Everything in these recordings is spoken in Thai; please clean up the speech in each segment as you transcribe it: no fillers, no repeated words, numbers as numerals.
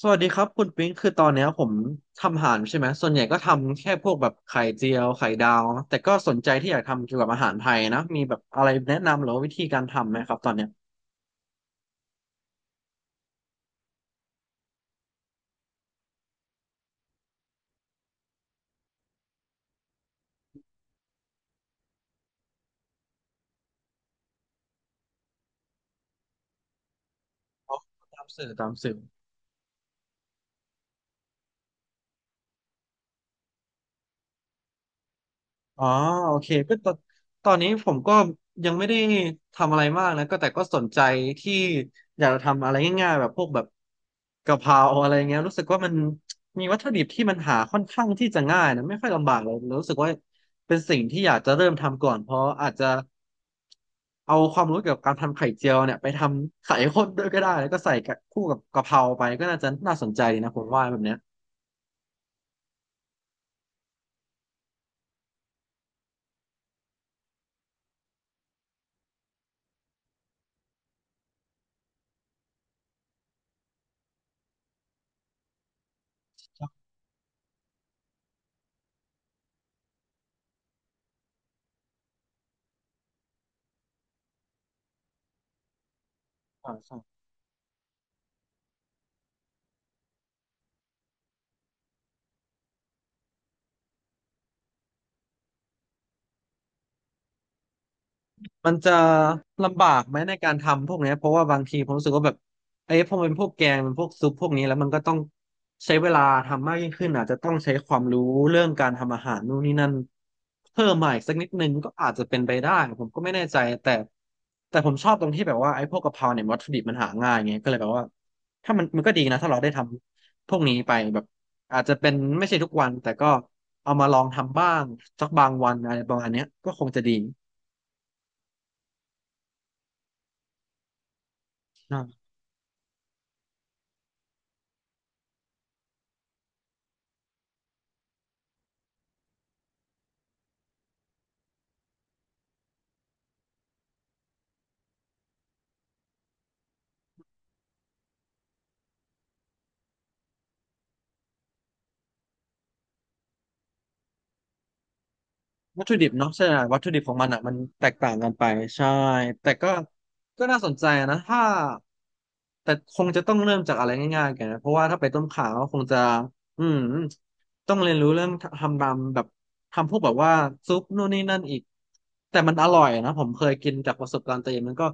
สวัสดีครับคุณปิ๊งคือตอนเนี้ยผมทำอาหารใช่ไหมส่วนใหญ่ก็ทำแค่พวกแบบไข่เจียวไข่ดาวแต่ก็สนใจที่อยากทำเกี่ยวกับอาหารไทยนะมีแบบอะไรแนะนำหรือว่าวิธีการทำไหมครับตอนเนี้ยอ๋อตามสื่อตามสื่อ อ๋อโอเคก็ตอนนี้ผมก็ยังไม่ได้ทำอะไรมากนะก็แต่ก็สนใจที่อยากจะทำอะไรง่ายๆแบบพวกแบบกะเพราอะไรเงี้ยรู้สึกว่ามันมีวัตถุดิบที่มันหาค่อนข้างที่จะง่ายนะไม่ค่อยลำบากเลยรู้สึกว่าเป็นสิ่งที่อยากจะเริ่มทำก่อนเพราะอาจจะเอาความรู้เกี่ยวกับการทำไข่เจียวเนี่ยไปทำไข่ข้นด้วยก็ได้แล้วก็ใส่กับคู่กับกะเพราไปก็น่าจะน่าสนใจนะผมว่าแบบเนี้ยอ่า มันจะลำบากไหมในการทำพวกเนี้ยเพราะว่าบางทีผมรู้สึกว่าแบบไอ้พอมันเป็นพวกแกงมันพวกซุปพวกนี้แล้วมันก็ต้องใช้เวลาทำมากยิ่งขึ้นอาจจะต้องใช้ความรู้เรื่องการทำอาหารนู่นนี่นั่นเพิ่มมาอีกสักนิดนึงก็อาจจะเป็นไปได้ผมก็ไม่แน่ใจแต่ผมชอบตรงที่แบบว่าไอ้พวกกะเพราเนี่ยวัตถุดิบมันหาง่ายไงก็เลยแบบว่าถ้ามันก็ดีนะถ้าเราได้ทำพวกนี้ไปแบบอาจจะเป็นไม่ใช่ทุกวันแต่ก็เอามาลองทำบ้างสักบางวันอะไรประมาณเนี้ยก็คงจะดี วัตถุดิบเนาะใช่วัตถุดิบของมันอ่ะมันแตกต่างกันไปใช่แต่ก็น่าสนใจนะถ้าแต่คงจะต้องเริ่มจากอะไรง่ายๆกันนะเพราะว่าถ้าไปต้มข่าก็คงจะอืมต้องเรียนรู้เรื่องทำตามแบบทำพวกแบบว่าซุปนู่นนี่นั่นอีกแต่มันอร่อยนะผมเคยกินจากประสบการณ์ตัวเองมันก็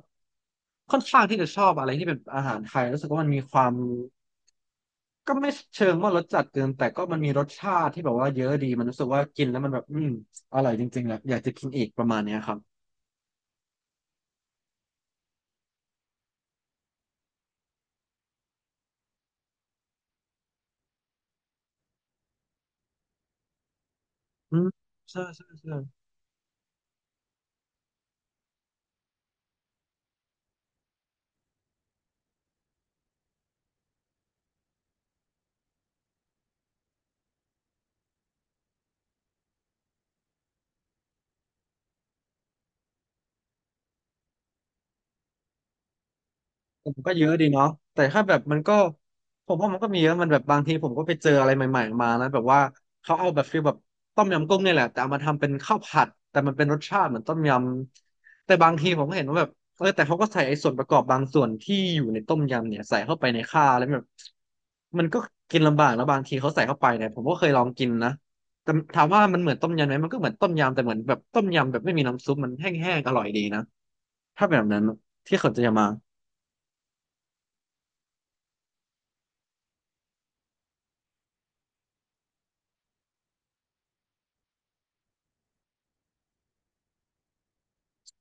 ค่อนข้างที่จะชอบอะไรที่เป็นอาหารไทยรู้สึกว่ามันมีความ ก็ไม่เชิงว่ารสจัดเกินแต่ก็มันมีรสชาติที่แบบว่าเยอะดีมันรู้สึกว่ากินแล้วมันแบบอืมอร่อยจริงๆแหละอยากจะกินอีกประมาณเนี้ยครับอืมใช่ใช่ใช่ ผมก็เยอะดีเนาะแต่ถ้าแบบมันก็ผมว่ามันก็มีเยอะมันแบบบางทีผมก็ไปเจออะไรใหม่ๆมานะแบบว่าเขาเอาแบบฟีลแบบต้มยำกุ้งเนี่ยแหละแต่เอามาทำเป็นข้าวผัดแต่มันเป็นรสชาติเหมือนต้มยำแต่บางทีผมก็เห็นว่าแบบเออแต่เขาก็ใส่ไอ้ส่วนประกอบบางส่วนที่อยู่ในต้มยำเนี่ยใส่เข้าไปในข้าวแล้วแบบมันก็กินลำบากแล้วบางทีเขาใส่เข้าไปเนี่ยผมก็เคยลองกินนะแต่ถามว่ามันเหมือนต้มยำไหมมันก็เหมือนต้มยำแต่เหมือนแบบต้มยำแบบไม่มีน้ำซุปมันแห้งๆอร่อยดีนะถ้าเป็นแบบนั้นที่เขาจะมา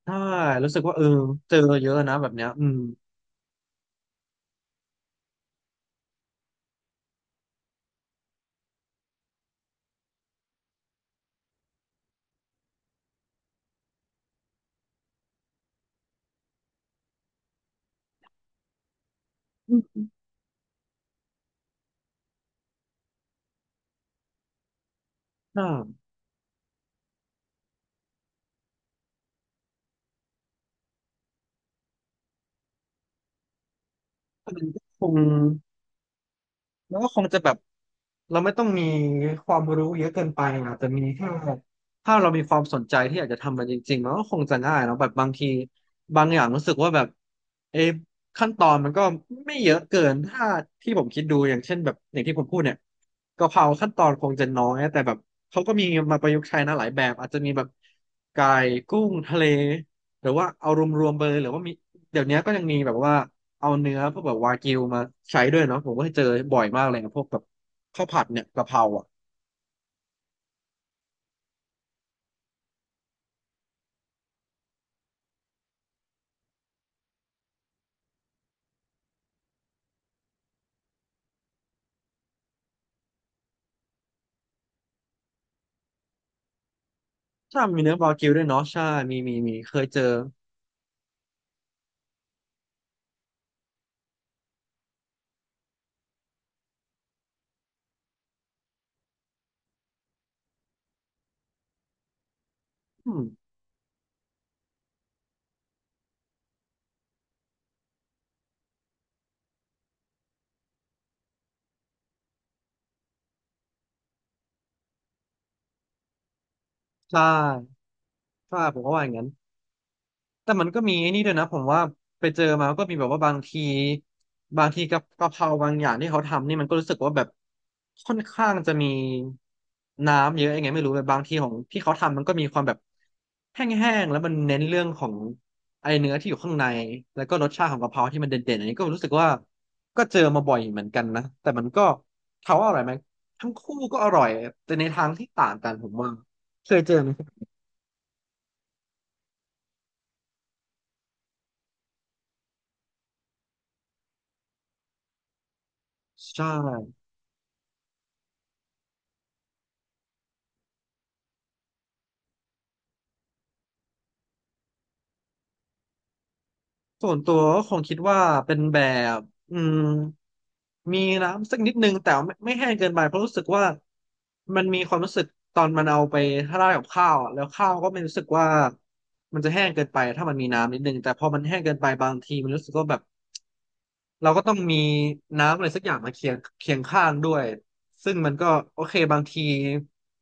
ใช่รู้สึกว่าเออเจอเยอะนะแบบเนี้ยอืมอืมอืมใช่มันก็คง แล้วก็คงจะแบบเราไม่ต้องมีความรู้เยอะเกินไปอ่ะแต่มีแค่ถ้าเรามีความสนใจที่อยากจะทำมันจริงๆมันก็คงจะง่ายเนาะแบบบางทีบางอย่างรู้สึกว่าแบบเอะขั้นตอนมันก็ไม่เยอะเกินถ้าที่ผมคิดดูอย่างเช่นแบบอย่างที่ผมพูดเนี่ยกะเพราขั้นตอนคงจะน้อยแต่แบบเขาก็มีมาประยุกต์ใช้นะหลายแบบอาจจะมีแบบไก่กุ้งทะเลหรือว่าเอารวมๆไปเลยหรือว่ามีเดี๋ยวนี้ก็ยังมีแบบว่า เอาเนื้อพวกแบบวากิวมาใช้ด้วยเนาะผมก็เจอบ่อยมากเลยนะพวกแบบข้าวผัดเนี่ยกะเพราอ่ะใช่มีเนื้อวากิวด้วยเนาะใช่มีเคยเจออืมใช่ใช่ผมก็ว่าอย่างนั้น แต่มันก็มีไอ้นี่ด้วยนะผมว่าไปเจอมาก็มีแบบว่าบางทีกับกะเพราบางอย่างที่เขาทำนี่มันก็รู้สึกว่าแบบค่อนข้างจะมีน้ำเยอะยังไงไม่รู้แบบบางทีของที่เขาทำมันก็มีความแบบแห้งๆแล้วมันเน้นเรื่องของไอเนื้อที่อยู่ข้างในแล้วก็รสชาติของกะเพราที่มันเด่นๆอันนี้ก็รู้สึกว่าก็เจอมาบ่อยเหมือนกันนะแต่มันก็ถามว่าอร่อยไหมทั้งคู่ก็อร่อยแต่ในทางที่ต่างกันผมว่าเคยเจอไหมใช่ ส่วนตัวก็คงคิดว่าเป็นแบบอืมมีน้ำสักนิดนึงแต่ไม่แห้งเกินไปเพราะรู้สึกว่ามันมีความรู้สึกตอนมันเอาไปราดกับข้าวอะแล้วข้าวก็ไม่รู้สึกว่ามันจะแห้งเกินไปถ้ามันมีน้ำนิดนึงแต่พอมันแห้งเกินไปบางทีมันรู้สึกว่าแบบเราก็ต้องมีน้ำอะไรสักอย่างมาเคียงข้างด้วยซึ่งมันก็โอเคบางที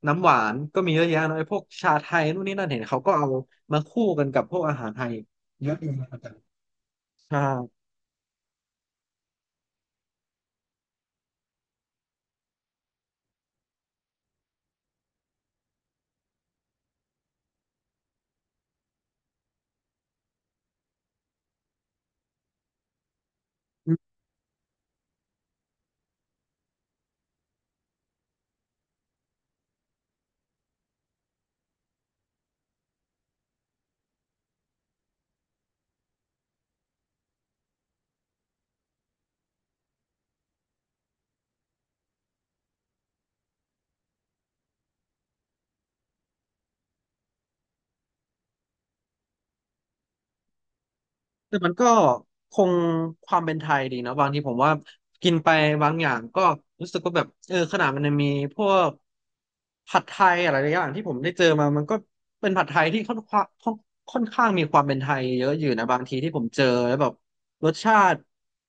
น้ำหวานก็มีเยอะแยะเนอะไอ้พวกชาไทยนู่นนี่นั่นเห็นเขาก็เอามาคู่กันกับพวกอาหารไทยเยอะดีเหมือนกันใช่ แต่มันก็คงความเป็นไทยดีนะบางทีผมว่ากินไปบางอย่างก็รู้สึกว่าแบบเออขนาดมันยังมีพวกผัดไทยอะไรหลายอย่างที่ผมได้เจอมามันก็เป็นผัดไทยที่ค่อนข้างมีความเป็นไทยเยอะอยู่นะบางทีที่ผมเจอแล้วแบบรสชาติ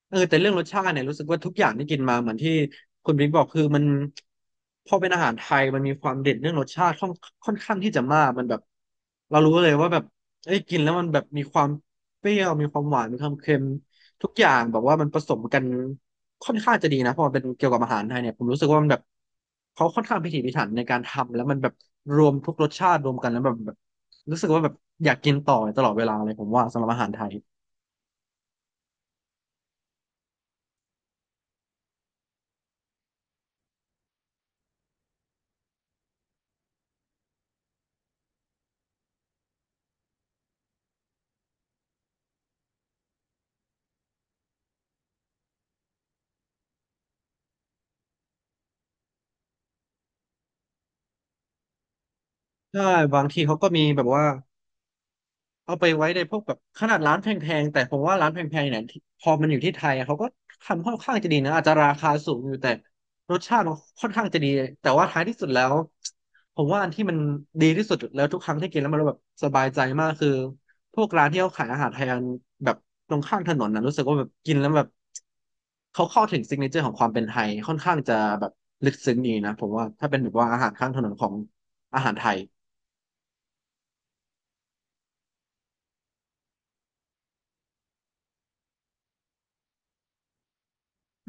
เออแต่เรื่องรสชาติเนี่ยรู้สึกว่าทุกอย่างที่กินมาเหมือนที่คุณบิ๊กบอกคือมันพอเป็นอาหารไทยมันมีความเด่นเรื่องรสชาติค่อนข้างที่จะมากมันแบบ เรารู้เลยว่าแบบเอ้ยกินแล้วมันแบบมีความเปรี้ยวมีความหวานมีความเค็มทุกอย่างแบบว่ามันผสมกันค่อนข้างจะดีนะเพราะมันเป็นเกี่ยวกับอาหารไทยเนี่ยผมรู้สึกว่ามันแบบเขาค่อนข้างพิถีพิถันในการทำแล้วมันแบบรวมทุกรสชาติรวมกันแล้วแบบรู้สึกว่าแบบอยากกินต่อตลอดเวลาเลยผมว่าสำหรับอาหารไทยใช่บางทีเขาก็มีแบบว่า เอาไปไว้ในพวกแบบขนาดร้านแพงๆแต่ผมว่าร้านแพงๆเนี่ยที่พอมันอยู่ที่ไทยอะเขาก็ทำค่อนข้างจะดีนะอาจจะราคาสูงอยู่แต่รสชาติมันค่อนข้างจะดีแต่ว่าท้ายที่สุดแล้วผมว่าอันที่มันดีที่สุดแล้วทุกครั้งที่กินแล้วมันแบบสบายใจมากคือพวกร้านที่เขาขายอาหารไทยแบบตรงข้างถนนนะรู้สึกว่าแบบกินแล้วแบบเขาเข้าถึงซิกเนเจอร์ของความเป็นไทยค่อนข้างจะแบบลึกซึ้งดีนะผมว่าถ้าเป็นแบบว่าอาหารข้างถนนของอาหารไทย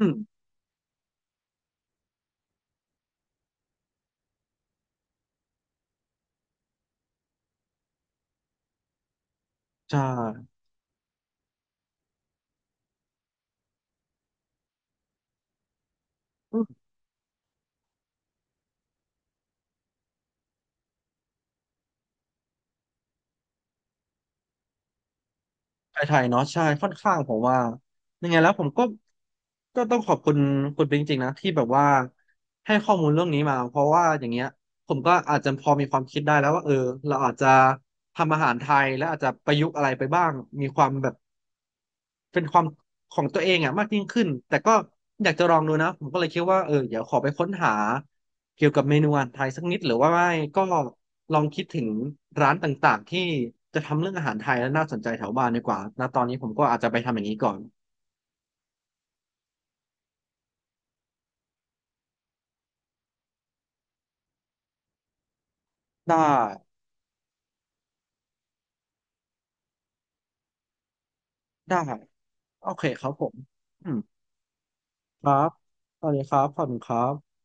อืมใช่ ไทยๆเนาะใช่ค่อนข้างผมว่ายังไงแล้วผมก็ต้องขอบคุณคุณเป็นจริงๆนะที่แบบว่าให้ข้อมูลเรื่องนี้มาเพราะว่าอย่างเงี้ยผมก็อาจจะพอมีความคิดได้แล้วว่าเออเราอาจจะทำอาหารไทยและอาจจะประยุกต์อะไรไปบ้างมีความแบบ เป็นความของตัวเองอ่ะมากยิ่งขึ้น แต่ก็อยากจะลองดูนะ ผมก็เลยคิดว่าเออเดี๋ยวขอไปค้นหาเกี่ยวกับเมนูอาหารไทยสักนิดหรือว่าไม่ก็ลองคิดถึงร้านต่างๆที่จะทำเรื่องอาหารไทยแล้วน่าสนใจแถวบ้านดีกว่าณตอนนี้ผมก็อาจจะไปทำอย่างนี้ก่อน ได้ได้โอเคครับผมอืมครับสวัสดีครับขอบคุณครับ